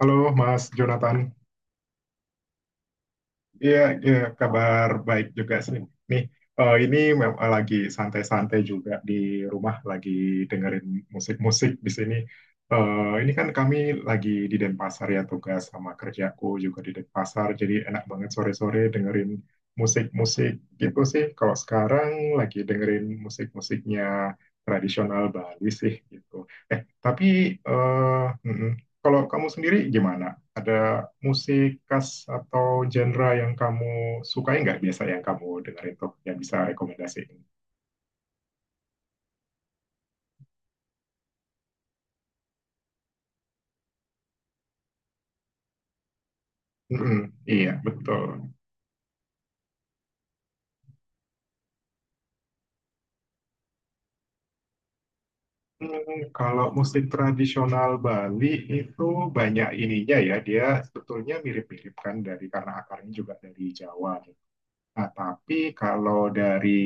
Halo Mas Jonathan. Iya, iya, kabar baik juga sih. Nih, lagi santai-santai juga di rumah, lagi dengerin musik-musik di sini. Ini kan kami lagi di Denpasar ya, tugas sama kerjaku juga di Denpasar, jadi enak banget sore-sore dengerin musik-musik gitu sih. Kalau sekarang lagi dengerin musik-musiknya tradisional Bali sih gitu. Eh, tapi eh, mm-mm. Kalau kamu sendiri gimana? Ada musik khas atau genre yang kamu sukai nggak biasa yang kamu dengerin tuh yang bisa rekomendasiin? Mm-mm, iya, betul. Hmm, kalau musik tradisional Bali itu banyak ininya ya, dia sebetulnya mirip-mirip kan dari karena akarnya juga dari Jawa. Gitu. Nah, tapi kalau dari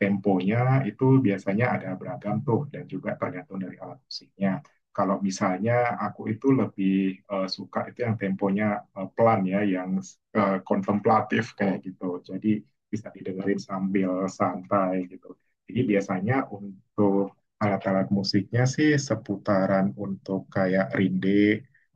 temponya itu biasanya ada beragam tuh dan juga tergantung dari alat musiknya. Kalau misalnya aku itu lebih suka itu yang temponya pelan ya, yang kontemplatif kayak gitu. Jadi bisa didengerin sambil santai gitu. Jadi biasanya untuk alat-alat musiknya sih seputaran untuk kayak rinde,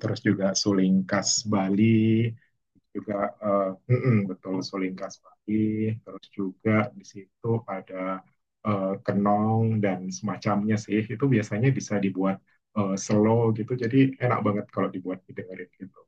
terus juga suling khas Bali, juga eh, betul sulingkas pagi, terus juga di situ ada kenong dan semacamnya sih. Itu biasanya bisa dibuat slow gitu, jadi enak banget kalau dibuat didengerin gitu.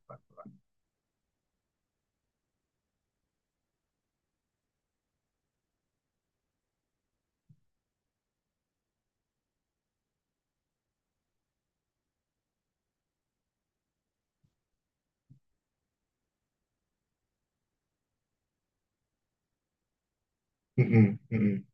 Mm-mm. Mm-mm.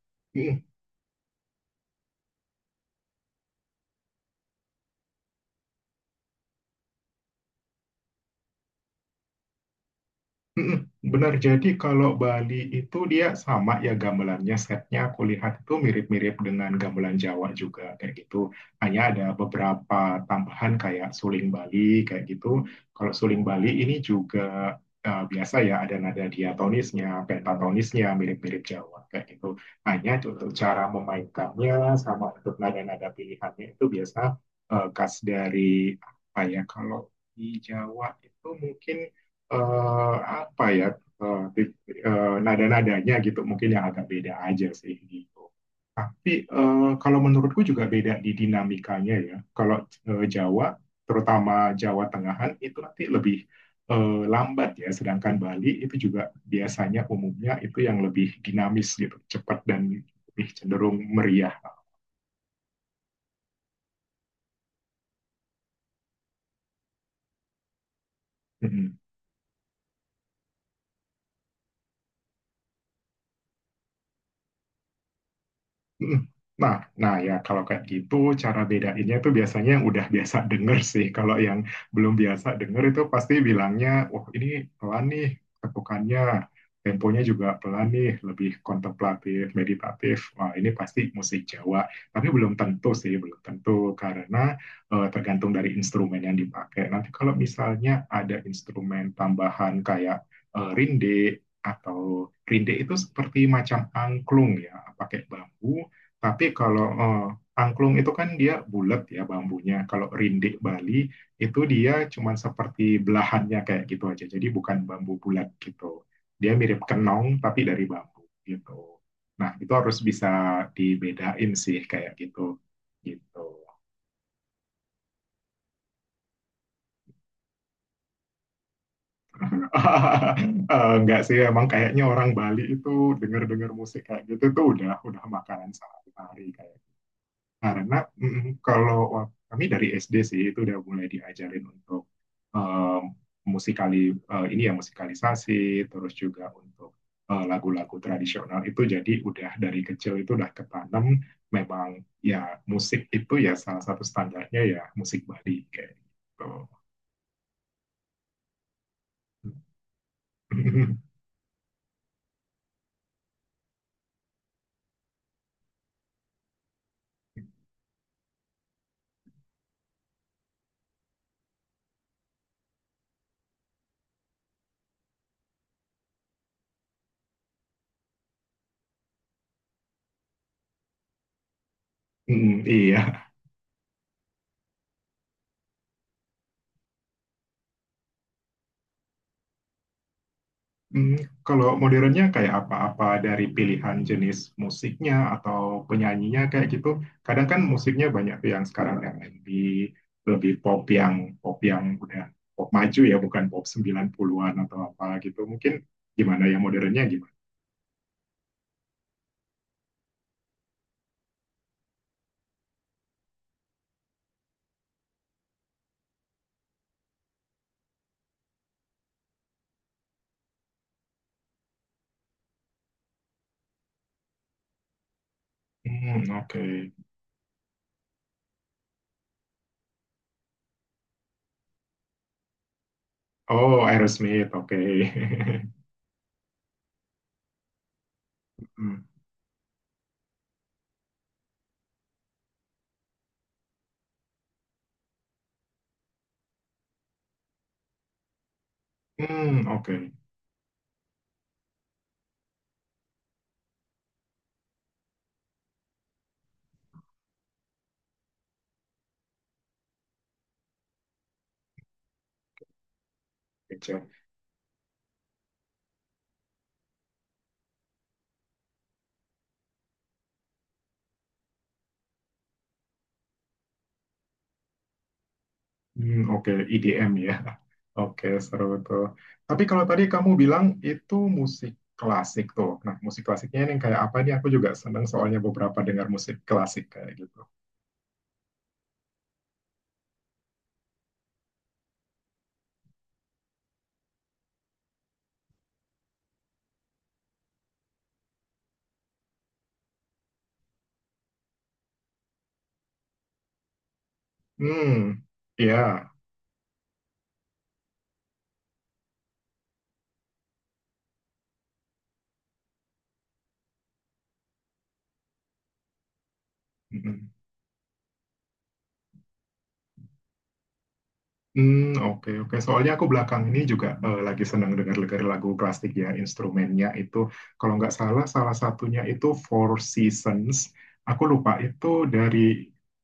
Mm-mm, benar, jadi kalau Bali itu dia sama ya gamelannya, setnya aku lihat itu mirip-mirip dengan gamelan Jawa juga kayak gitu. Hanya ada beberapa tambahan kayak suling Bali kayak gitu. Kalau suling Bali ini juga biasa ya ada nada diatonisnya, pentatonisnya mirip-mirip Jawa kayak gitu. Hanya untuk cara memainkannya sama untuk nada-nada pilihannya itu biasa khas dari apa ya kalau di Jawa itu mungkin eh, apa ya eh, tit- eh, nada-nadanya gitu mungkin yang agak beda aja sih gitu. Tapi kalau menurutku juga beda di dinamikanya ya. Kalau Jawa, terutama Jawa Tengahan itu nanti lebih lambat ya, sedangkan Bali itu juga biasanya umumnya itu yang lebih dinamis gitu, cepat dan lebih cenderung meriah. Mm-mm. Nah, nah ya kalau kayak gitu cara bedainnya itu biasanya yang udah biasa denger sih. Kalau yang belum biasa denger itu pasti bilangnya, wah ini pelan nih ketukannya, temponya juga pelan nih, lebih kontemplatif, meditatif. Wah ini pasti musik Jawa. Tapi belum tentu sih, belum tentu karena tergantung dari instrumen yang dipakai. Nanti kalau misalnya ada instrumen tambahan kayak rinde atau rinde itu seperti macam angklung ya, pakai bambu tapi kalau angklung itu kan dia bulat ya bambunya. Kalau rindik Bali itu dia cuman seperti belahannya kayak gitu aja. Jadi bukan bambu bulat gitu. Dia mirip kenong tapi dari bambu gitu. Nah, itu harus bisa dibedain sih kayak gitu. Gitu. Enggak sih, emang kayaknya orang Bali itu dengar-dengar musik kayak gitu tuh udah makanan sehari-hari kayak karena kalau kami dari SD sih itu udah mulai diajarin untuk um, musikali ini ya musikalisasi, terus juga untuk lagu-lagu tradisional itu jadi udah dari kecil itu udah ketanam memang ya musik itu ya salah satu standarnya ya musik Bali kayak gitu. Mm, iya. Hmm, kalau modernnya kayak apa-apa dari pilihan jenis musiknya atau penyanyinya kayak gitu. Kadang kan musiknya banyak tuh yang sekarang R&B, lebih pop yang udah pop maju ya, bukan pop 90-an atau apa gitu. Mungkin gimana yang modernnya gimana? Hmm, oke. Oh, Aerosmith, oke. Hmm, hmm, oke. Oke, hmm, oke, EDM ya. Oke, seru tuh. Tapi kalau tadi kamu bilang itu musik klasik tuh. Nah, musik klasiknya ini kayak apa nih? Aku juga seneng soalnya beberapa dengar musik klasik kayak gitu. Hmm, iya. Hmm. Hmm, oke, oke. Soalnya aku belakang ini juga, lagi senang dengar-dengar lagu klasik ya, instrumennya itu kalau nggak salah, salah satunya itu Four Seasons, aku lupa itu dari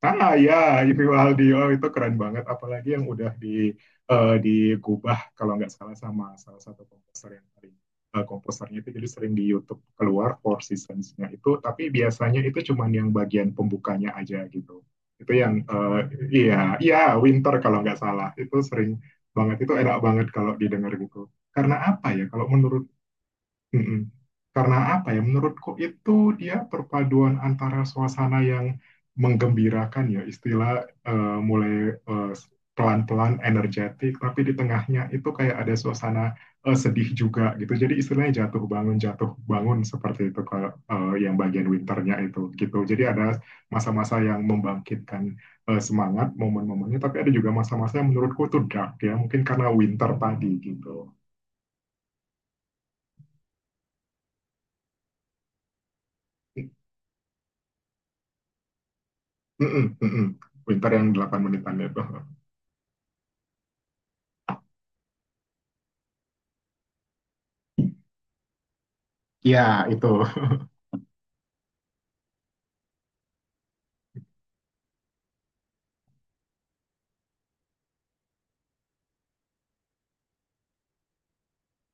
ah, ya Vivaldi, oh itu keren banget, apalagi yang udah di digubah kalau nggak salah sama salah satu komposer yang paling komposernya itu jadi sering di YouTube keluar Four Seasons-nya itu, tapi biasanya itu cuman yang bagian pembukanya aja gitu itu yang iya, iya, winter kalau nggak salah itu sering banget itu enak banget kalau didengar gitu karena apa ya kalau menurut mm-mm. Karena apa ya? Menurutku itu dia perpaduan antara suasana yang menggembirakan ya, istilah eh, mulai eh, pelan-pelan energetik, tapi di tengahnya itu kayak ada suasana sedih juga gitu. Jadi istilahnya jatuh bangun seperti itu kalau yang bagian winternya itu gitu. Jadi ada masa-masa yang membangkitkan semangat momen-momennya, tapi ada juga masa-masa yang menurutku itu dark ya, mungkin karena winter tadi gitu. Mm-mm, mm-mm. Winter yang 8 menitan itu. Ya, itu.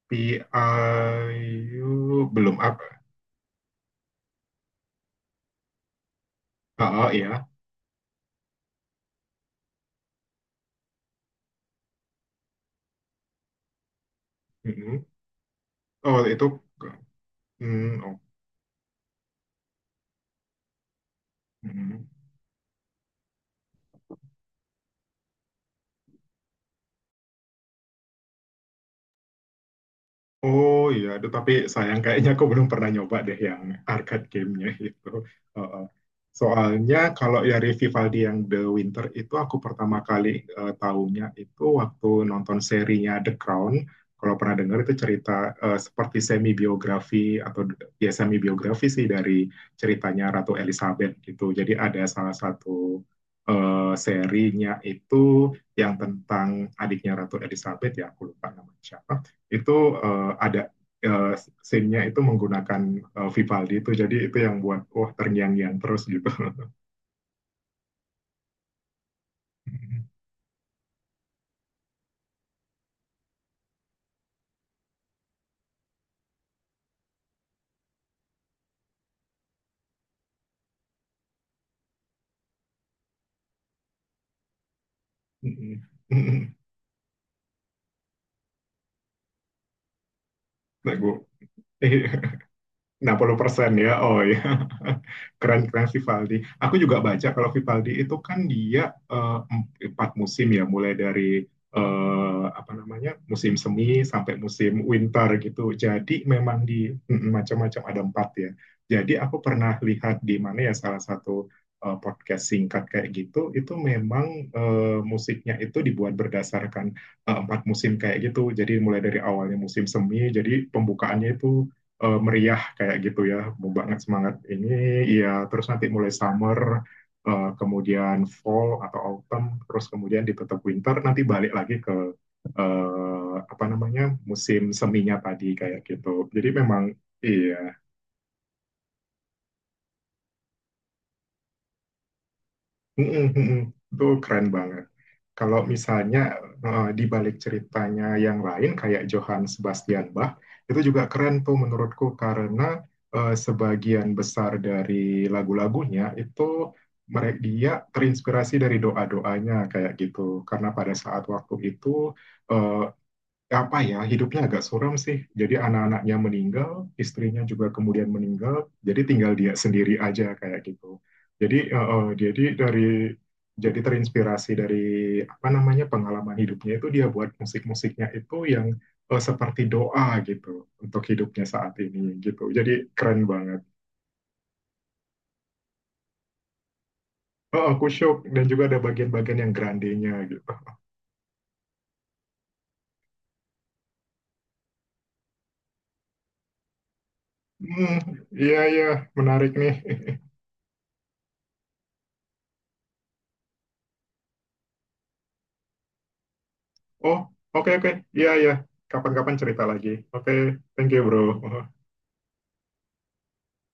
PIU belum up. Oh, iya. Mm-mm. Oh, itu. Mm, oh, mm. Oh iya, aduh, tapi sayang kayaknya aku belum pernah nyoba deh yang arcade gamenya itu. Heeh. Soalnya kalau dari Vivaldi yang The Winter itu aku pertama kali tahunya itu waktu nonton serinya The Crown. Kalau pernah dengar itu cerita seperti semi biografi atau ya semi biografi sih dari ceritanya Ratu Elizabeth gitu. Jadi ada salah satu serinya itu yang tentang adiknya Ratu Elizabeth ya aku lupa namanya siapa itu ada uh, scene-nya itu menggunakan Vivaldi itu jadi itu yang buat wah terngiang-ngiang terus gitu. Nah, gue eh, 60% ya, oh ya. Keren-keren Vivaldi. Aku juga baca kalau Vivaldi itu kan dia empat musim ya, mulai dari apa namanya musim semi sampai musim winter gitu. Jadi memang di mm, macam-macam ada 4 ya. Jadi aku pernah lihat di mana ya salah satu podcast singkat kayak gitu, itu memang musiknya itu dibuat berdasarkan empat musim kayak gitu. Jadi mulai dari awalnya musim semi, jadi pembukaannya itu meriah kayak gitu ya, mau banget semangat ini, ya terus nanti mulai summer, kemudian fall atau autumn, terus kemudian ditutup winter, nanti balik lagi ke apa namanya musim seminya tadi kayak gitu. Jadi memang iya, mm, mm, mm, mm. Itu keren banget. Kalau misalnya di balik ceritanya yang lain kayak Johann Sebastian Bach, itu juga keren tuh menurutku karena sebagian besar dari lagu-lagunya itu mereka dia terinspirasi dari doa-doanya kayak gitu. Karena pada saat waktu itu eh, apa ya hidupnya agak suram sih. Jadi anak-anaknya meninggal, istrinya juga kemudian meninggal, jadi tinggal dia sendiri aja kayak gitu. Jadi jadi dari jadi terinspirasi dari apa namanya pengalaman hidupnya itu dia buat musik-musiknya itu yang seperti doa gitu untuk hidupnya saat ini gitu. Jadi keren banget. Oh, aku shock dan juga ada bagian-bagian yang grandenya gitu. Hmm, iya, iya, menarik nih. Oh, oke, oke. Iya, iya. Kapan-kapan cerita lagi. Oke, thank you, bro.